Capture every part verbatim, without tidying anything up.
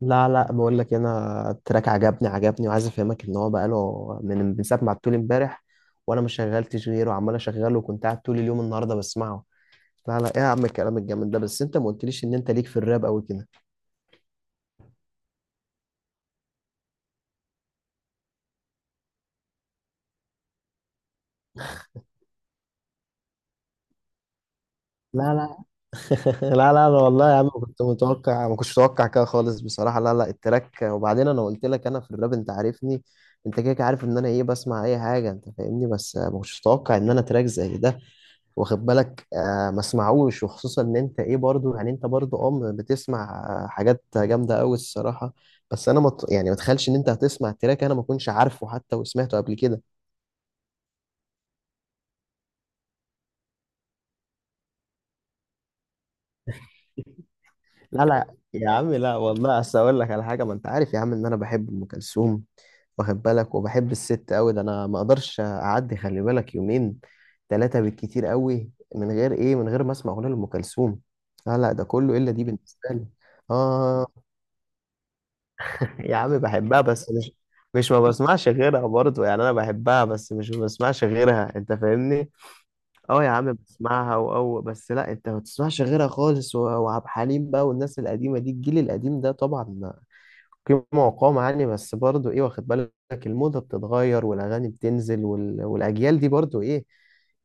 لا لا، بقول لك إيه، انا التراك عجبني عجبني وعايز افهمك ان هو بقاله من من ساعه ما عدتولي امبارح، وانا ما شغلتش غيره وعمال اشغله، وكنت قاعد طول اليوم النهارده بسمعه. لا لا، ايه يا عم الكلام الجامد ده؟ بس انت ما قلتليش ان انت ليك في الراب قوي كده. لا لا. لا لا لا والله يا عم كنت متوقع، ما كنتش متوقع كده خالص بصراحه. لا لا التراك، وبعدين انا قلت لك انا في الراب انت عارفني. انت كده كده عارف ان انا ايه، بسمع اي حاجه انت فاهمني، بس ما كنتش متوقع ان انا تراك زي ده. واخد بالك؟ آه ما اسمعوش. وخصوصا ان انت ايه برضو، يعني انت برضو ام بتسمع آه، حاجات جامده قوي الصراحه. بس انا مت يعني، ما تخيلش ان انت هتسمع تراك انا ما كنتش عارفه حتى، وسمعته قبل كده. لا لا يا عم، لا والله اصل اقول لك على حاجه، ما انت عارف يا عم ان انا بحب ام كلثوم. واخد بالك؟ وبحب الست قوي ده، انا ما اقدرش اعدي، خلي بالك، يومين ثلاثه بالكتير قوي من غير ايه، من غير ما اسمع اغنيه لام كلثوم. لا لا، ده كله الا دي بالنسبه لي. آه يا عم بحبها، بس مش، مش ما بسمعش غيرها برضه، يعني انا بحبها بس مش ما بسمعش غيرها انت فاهمني. اه يا عم بسمعها، واو، بس لا انت ما بتسمعش غيرها خالص. و- وعبد الحليم بقى والناس القديمه دي، الجيل القديم ده طبعا قيمه وقامه يعني، بس برضه ايه، واخد بالك؟ الموضه بتتغير والاغاني بتنزل، وال... والاجيال دي برضه ايه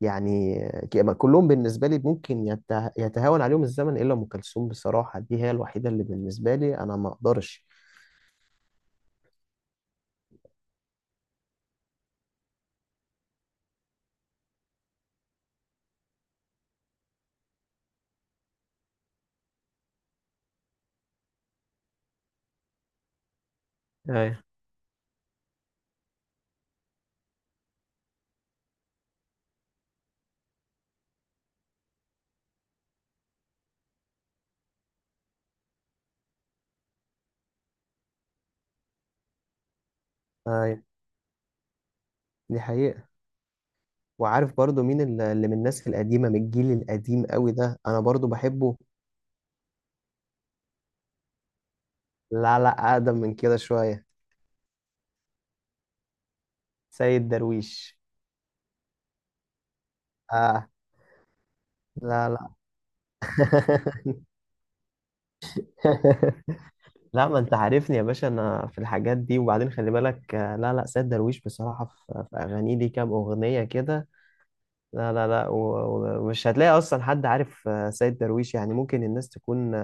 يعني، ك- كلهم بالنسبه لي ممكن يته... يتهاون عليهم الزمن، الا ام كلثوم بصراحه، دي هي الوحيده اللي بالنسبه لي انا ما اقدرش. ايوه، دي حقيقة. وعارف برضو مين ال- اللي من الناس القديمة، من الجيل القديم قوي ده أنا برضو بحبه؟ لا لا، أقدم من كده شوية. سيد درويش. آه. لا لا. لا ما أنت عارفني يا باشا أنا في الحاجات دي، وبعدين خلي بالك. آه، لا لا، سيد درويش بصراحة في في أغانيه، ليه كام أغنية كده. لا لا لا. و- و- ومش هتلاقي أصلا حد عارف آه، سيد درويش. يعني ممكن الناس تكون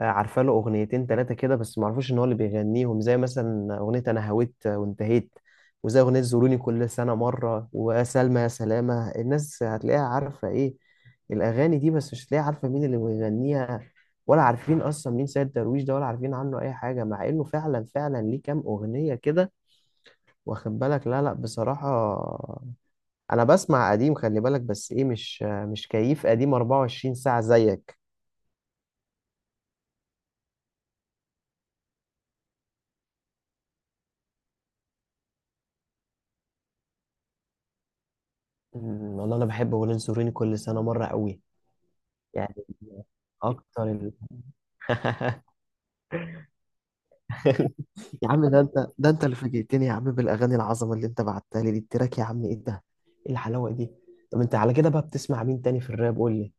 آه، عارفه له اغنيتين ثلاثه كده، بس ما اعرفوش ان هو اللي بيغنيهم. زي مثلا اغنيه انا هويت وانتهيت، وزي اغنيه زوروني كل سنه مره، وسلمى يا سلامه. الناس هتلاقيها عارفه ايه، الاغاني دي، بس مش هتلاقيها عارفه مين اللي بيغنيها، ولا عارفين اصلا مين سيد درويش ده، ولا عارفين عنه اي حاجه، مع انه فعلا فعلا ليه كام اغنيه كده. واخد بالك؟ لا لا بصراحه انا بسمع قديم خلي بالك، بس ايه، مش، مش كيف قديم أربعة وعشرين ساعه زيك. أمم، والله انا بحب اغنيه زوروني كل سنه مره قوي. يعني اكتر ال... يا عم ده انت، ده انت اللي فاجئتني يا عم بالاغاني العظمه اللي انت بعتها لي دي، التراك يا عم ايه ده؟ ايه الحلاوه دي؟ طب انت على كده بقى بتسمع مين تاني في الراب؟ قول لي.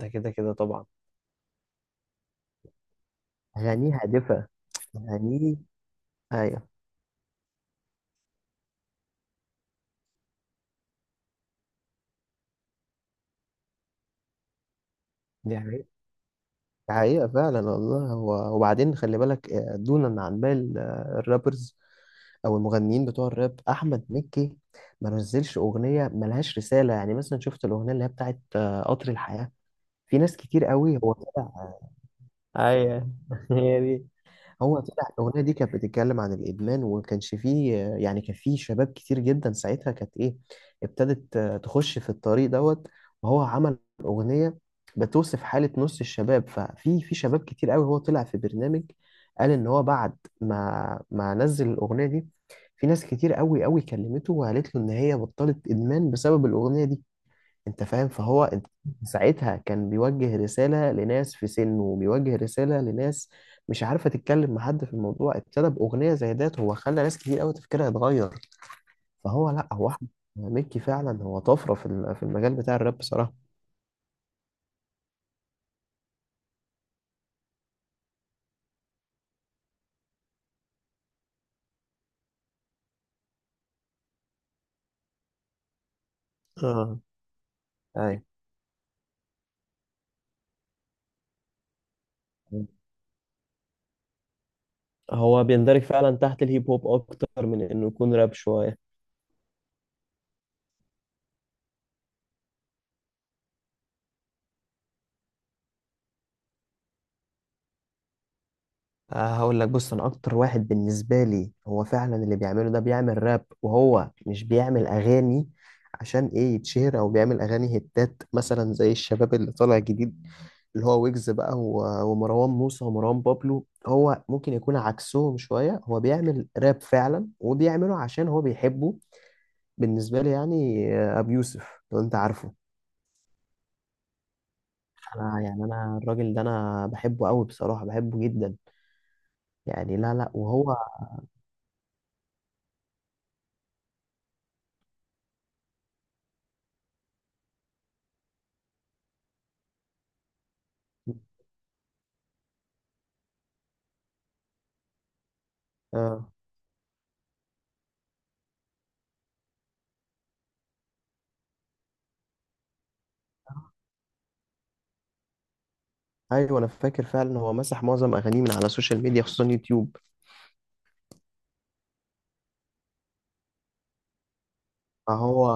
ده كده كده طبعا. اغانيه هادفه. اغانيه. ايوه. دي حقيقة، دي حقيقة فعلا والله. هو وبعدين خلي بالك آه، دونا عن باقي ال- آه، الرابرز او المغنيين بتوع الراب، احمد مكي ما نزلش اغنيه ملهاش رساله. يعني مثلا شفت الاغنيه اللي هي بتاعت آه، قطر الحياه؟ في ناس كتير قوي هو طلع. ايوه هي دي. هو طلع الاغنيه دي، كانت بتتكلم عن الادمان، وما كانش فيه يعني، كان فيه شباب كتير جدا ساعتها كانت ايه، ابتدت تخش في الطريق دوت. وهو عمل اغنيه بتوصف حاله نص الشباب، ففي في شباب كتير قوي هو طلع في برنامج، قال ان هو بعد ما ما نزل الاغنيه دي، في ناس كتير قوي قوي كلمته وقالت له ان هي بطلت ادمان بسبب الاغنيه دي، انت فاهم؟ فهو انت، ساعتها كان بيوجه رسالة لناس في سنه، وبيوجه رسالة لناس مش عارفة تتكلم مع حد في الموضوع، ابتدى بأغنية زي ديت، هو خلى ناس كتير قوي تفكيرها يتغير. فهو لا، هو احمد مكي فعلا هو طفرة في ال- في المجال بتاع الراب بصراحة. اه. ايوه، هو بيندرج فعلا تحت الهيب هوب اكتر من انه يكون راب شوية. آه، هقول لك بص، انا اكتر واحد بالنسبه لي هو فعلا اللي بيعمله ده، بيعمل راب وهو مش بيعمل اغاني عشان ايه، يتشهر، او بيعمل اغاني هتات مثلا زي الشباب اللي طالع جديد، اللي هو ويجز بقى و- ومروان موسى ومروان بابلو. هو ممكن يكون عكسهم شويه، هو بيعمل راب فعلا وبيعمله عشان هو بيحبه، بالنسبه لي يعني. آه، ابو يوسف لو انت عارفه، انا يعني، انا الراجل ده انا بحبه قوي بصراحه، بحبه جدا يعني. لا لا. وهو، آه ايوه، انا فاكر فعلا هو مسح معظم اغانيه من على السوشيال ميديا، خصوصا يوتيوب. فهو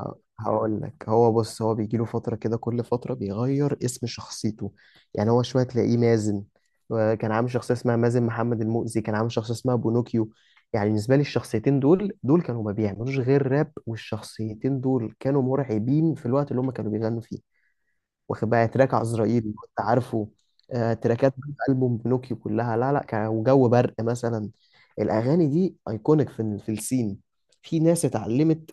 ه- هقول لك، هو بص، هو بيجي له فتره كده كل فتره بيغير اسم شخصيته. يعني هو شويه تلاقيه مازن، كان عامل شخصيه اسمها مازن محمد المؤذي، كان عامل شخصيه اسمها بونوكيو. يعني بالنسبه لي الشخصيتين دول دول كانوا ما بيعملوش غير راب، والشخصيتين دول كانوا مرعبين في الوقت اللي هم كانوا بيغنوا فيه. واخد بقى تراك عزرائيل كنت عارفه؟ آه، تراكات ألبوم بنوكيو كلها، لا لا كان وجو برق مثلا. الأغاني دي أيكونيك في ال- في السين. في ناس اتعلمت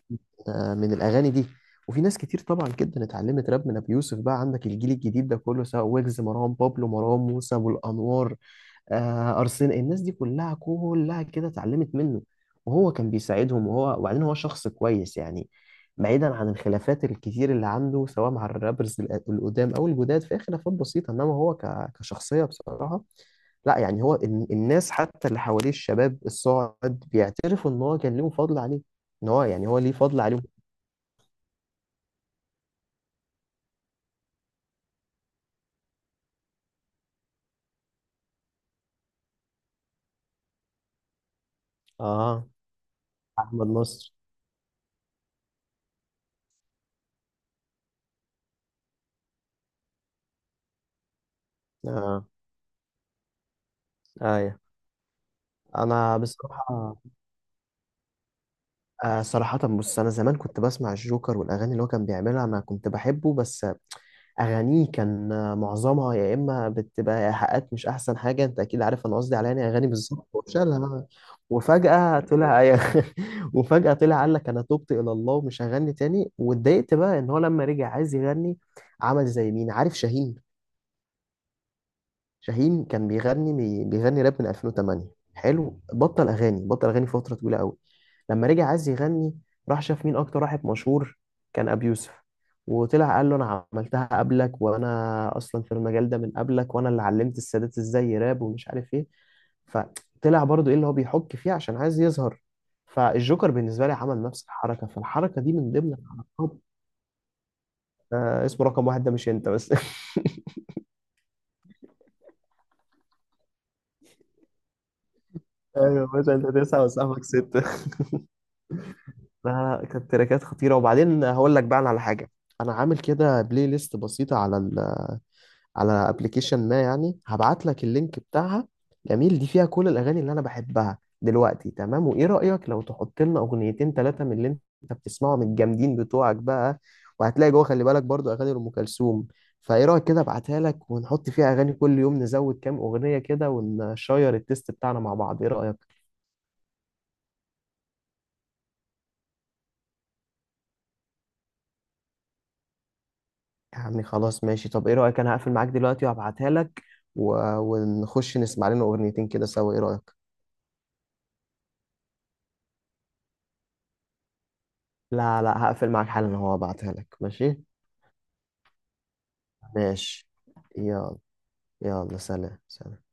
آه، من الأغاني دي، وفي ناس كتير طبعا جدا اتعلمت راب من أبي يوسف. بقى عندك الجيل الجديد ده كله سواء ويجز، مروان بابلو، مروان موسى، أبو الأنوار، آه ارسنال، الناس دي كلها كلها كده اتعلمت منه، وهو كان بيساعدهم. وهو وبعدين هو شخص كويس يعني، بعيدا عن الخلافات الكتير اللي عنده سواء مع الرابرز ال- القدام او الجداد، فهي خلافات بسيطه، انما هو ك- كشخصيه بصراحه لا، يعني هو ال- الناس حتى اللي حواليه الشباب الصاعد بيعترفوا ان هو كان ليهم فضل عليه، ان هو يعني هو ليه فضل عليهم. اه، احمد نصر. اه ايوه انا بصراحه. آه صراحة بص، أنا زمان كنت بسمع الجوكر والأغاني اللي هو كان بيعملها أنا كنت بحبه، بس أغانيه كان آه، معظمها يا إما بتبقى إيحاءات، مش أحسن حاجة، أنت أكيد عارف أنا قصدي على يعني أغاني بالظبط وشالها. وفجأة طلع وفجأة طلع، قال لك أنا تبت إلى الله ومش هغني تاني، واتضايقت بقى إن هو لما رجع عايز يغني، عمل زي مين عارف؟ شاهين. شاهين كان بيغني بي- بيغني راب من ألفين وثمانية، حلو، بطل اغاني، بطل اغاني فتره طويله قوي، لما رجع عايز يغني راح شاف مين اكتر واحد مشهور، كان ابي يوسف، وطلع قال له انا عملتها قبلك، وانا اصلا في المجال ده من قبلك، وانا اللي علمت السادات ازاي يراب ومش عارف ايه. فطلع برضو ايه اللي هو بيحك فيه عشان عايز يظهر. فالجوكر بالنسبه لي عمل نفس الحركه، فالحركه دي من ضمن الحركات. آه اسمه رقم واحد ده، مش انت بس. ايوه بس انت تسعة وصاحبك ستة. لا. لا كانت تراكات خطيرة. وبعدين هقول لك بقى أنا على حاجة، أنا عامل كده بلاي ليست بسيطة على ال، على ابلكيشن ما، يعني هبعت لك اللينك بتاعها. جميل. دي فيها كل الأغاني اللي أنا بحبها دلوقتي، تمام؟ وإيه رأيك لو تحط لنا أغنيتين ثلاثة من اللي أنت بتسمعهم الجامدين بتوعك بقى؟ وهتلاقي جوه خلي بالك برضو أغاني لأم كلثوم. فإيه رأيك كده أبعتها لك، ونحط فيها أغاني كل يوم نزود كام أغنية كده، ونشير التيست بتاعنا مع بعض، إيه رأيك؟ يا عمي خلاص ماشي، طب ايه رأيك انا هقفل معاك دلوقتي وهبعتها لك، و... ونخش نسمع لنا اغنيتين كده سوا، ايه رأيك؟ لا لا هقفل معاك حالا، هو هبعتها لك، ماشي؟ ماشي. يلا. يلا، سلام سلام.